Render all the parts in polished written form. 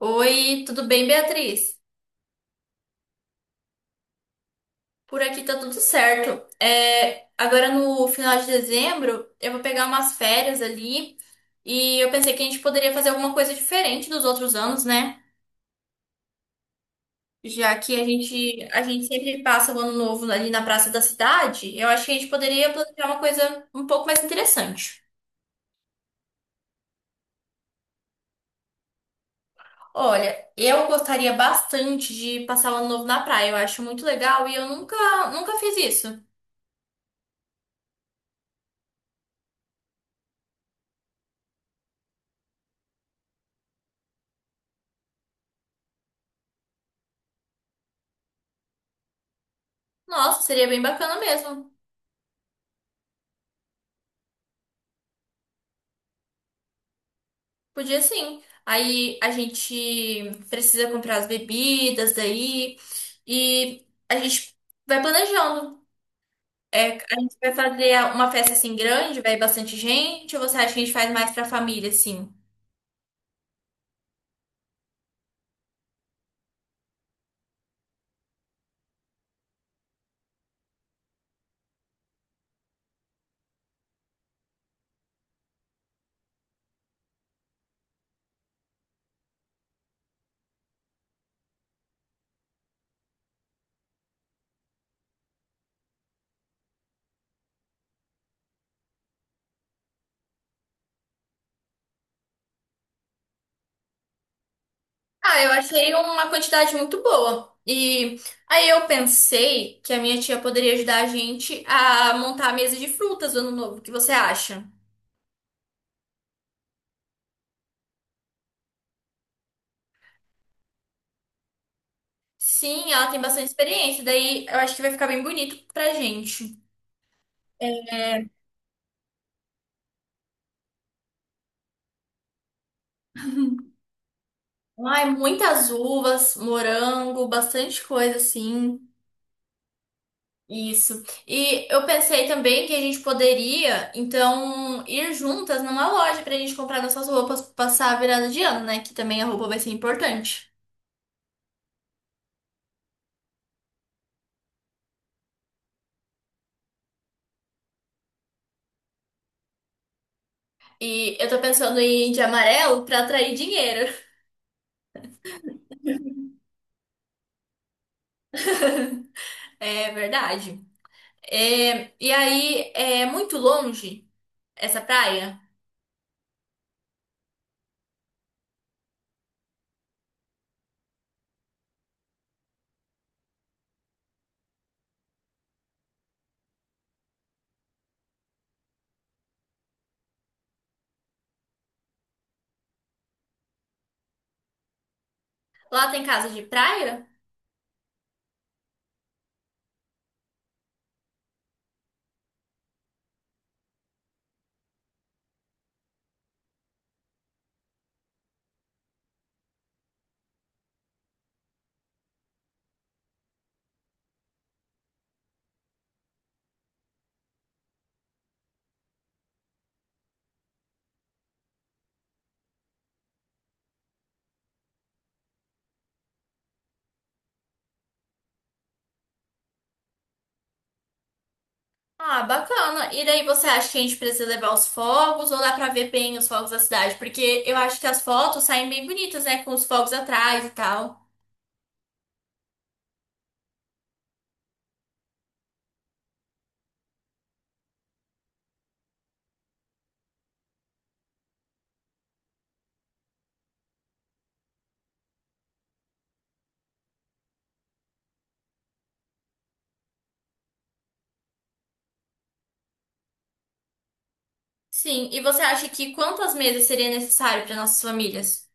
Oi, tudo bem, Beatriz? Por aqui tá tudo certo. Agora no final de dezembro eu vou pegar umas férias ali e eu pensei que a gente poderia fazer alguma coisa diferente dos outros anos, né? Já que a gente sempre passa o ano novo ali na praça da cidade, eu acho que a gente poderia planejar uma coisa um pouco mais interessante. Olha, eu gostaria bastante de passar o ano novo na praia, eu acho muito legal e eu nunca fiz isso. Nossa, seria bem bacana mesmo. Podia sim. Aí a gente precisa comprar as bebidas daí e a gente vai planejando. É, a gente vai fazer uma festa assim grande, vai bastante gente, ou você acha que a gente faz mais pra família, assim? Ah, eu achei uma quantidade muito boa. E aí eu pensei que a minha tia poderia ajudar a gente a montar a mesa de frutas do ano novo. O que você acha? Sim, ela tem bastante experiência, daí eu acho que vai ficar bem bonito pra gente. Ai, muitas uvas, morango, bastante coisa assim. Isso. E eu pensei também que a gente poderia, então, ir juntas numa loja pra gente comprar nossas roupas, pra passar a virada de ano, né? Que também a roupa vai ser importante. E eu tô pensando em ir de amarelo pra atrair dinheiro. É verdade. É, e aí, é muito longe essa praia? Lá tem casa de praia? Ah, bacana. E daí você acha que a gente precisa levar os fogos ou dá pra ver bem os fogos da cidade? Porque eu acho que as fotos saem bem bonitas, né? Com os fogos atrás e tal. Sim, e você acha que quantas mesas seria necessário para nossas famílias?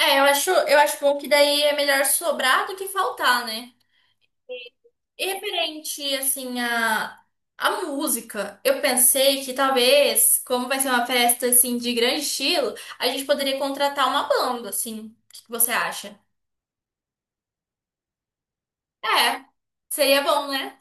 É, eu acho bom que daí é melhor sobrar do que faltar, né? E referente, assim, a música, eu pensei que talvez, como vai ser uma festa, assim, de grande estilo, a gente poderia contratar uma banda, assim. O que que você acha? É, seria bom, né?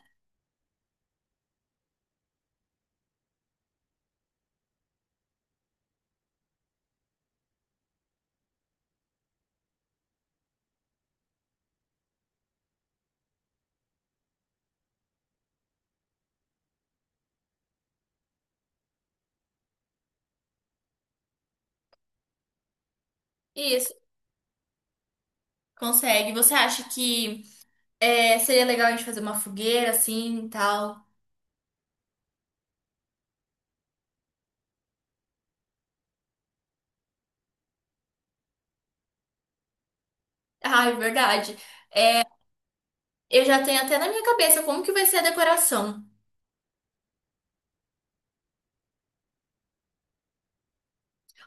Isso. Consegue. Você acha que seria legal a gente fazer uma fogueira assim e tal? Ah, é verdade. Eu já tenho até na minha cabeça como que vai ser a decoração.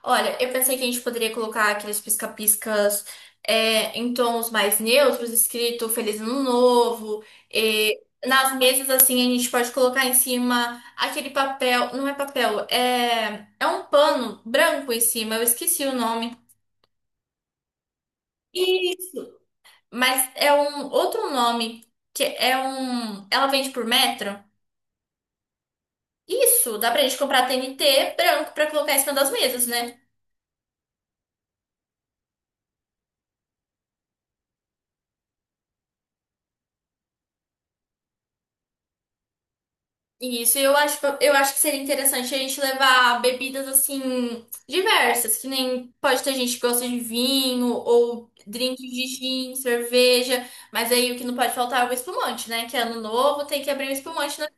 Olha, eu pensei que a gente poderia colocar aqueles pisca-piscas em tons mais neutros, escrito Feliz Ano Novo. E nas mesas, assim, a gente pode colocar em cima aquele papel. Não é papel, é um pano branco em cima, eu esqueci o nome. Isso. Mas é um outro nome que é um. Ela vende por metro? Isso, dá pra gente comprar TNT branco pra colocar em cima das mesas, né? Eu acho, eu acho que seria interessante a gente levar bebidas assim diversas, que nem pode ter gente que gosta de vinho ou drink de gin, cerveja, mas aí o que não pode faltar é o espumante, né? Que ano novo tem que abrir o espumante, né?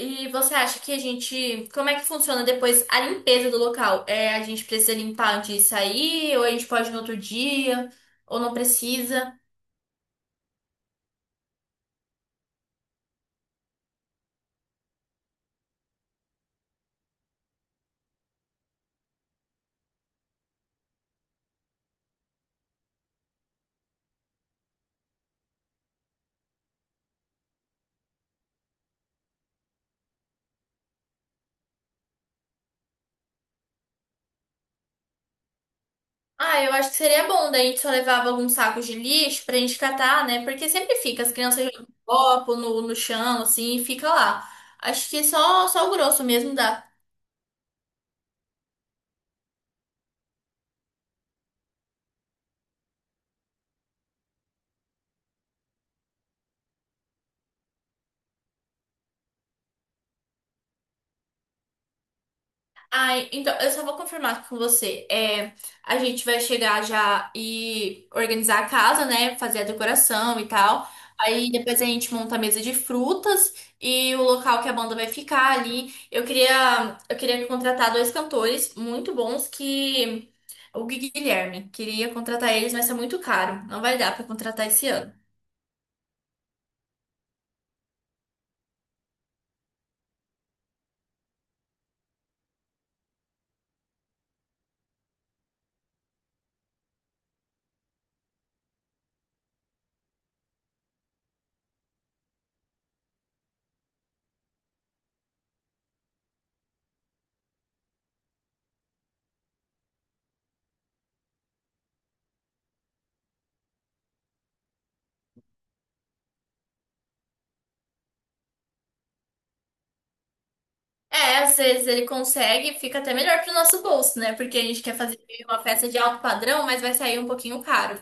E você acha que a gente. Como é que funciona depois a limpeza do local? É, a gente precisa limpar antes de sair, ou a gente pode ir no outro dia, ou não precisa? Ah, eu acho que seria bom, daí a gente só levava alguns sacos de lixo pra gente catar, né? Porque sempre fica, as crianças jogam copo no chão, assim, e fica lá. Acho que só o grosso mesmo dá. Ai, então, eu só vou confirmar com você. É, a gente vai chegar já e organizar a casa, né? Fazer a decoração e tal. Aí depois a gente monta a mesa de frutas e o local que a banda vai ficar ali. Eu queria contratar dois cantores muito bons que o Guilherme queria contratar eles, mas é muito caro. Não vai dar pra contratar esse ano. É, às vezes ele consegue, fica até melhor pro nosso bolso, né? Porque a gente quer fazer uma festa de alto padrão, mas vai sair um pouquinho caro.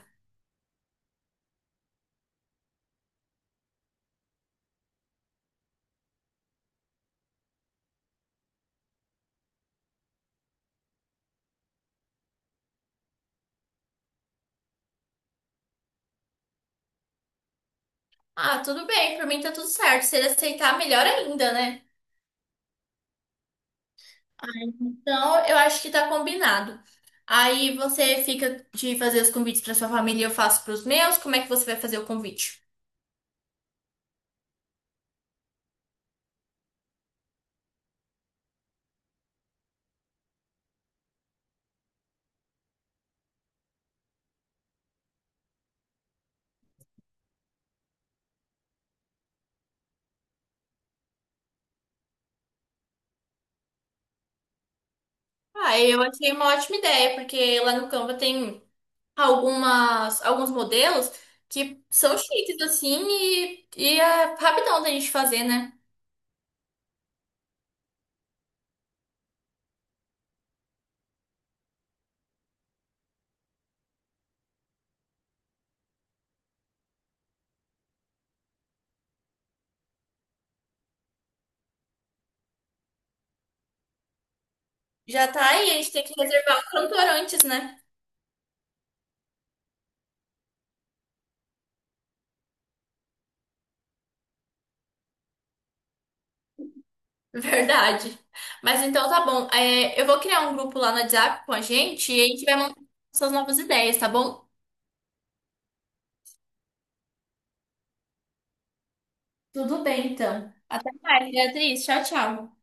Ah, tudo bem, pra mim tá tudo certo. Se ele aceitar, melhor ainda, né? Então, eu acho que tá combinado. Aí você fica de fazer os convites pra sua família e eu faço pros meus. Como é que você vai fazer o convite? Ah, eu achei uma ótima ideia, porque lá no Canva tem algumas, alguns modelos que são chiques, assim, e é rapidão da gente fazer, né? Já tá aí, a gente tem que reservar o cantor antes, né? Verdade. Mas então tá bom. É, eu vou criar um grupo lá no WhatsApp com a gente e a gente vai montar suas novas ideias, tá bom? Tudo bem, então. Até mais, Beatriz. Tchau, tchau.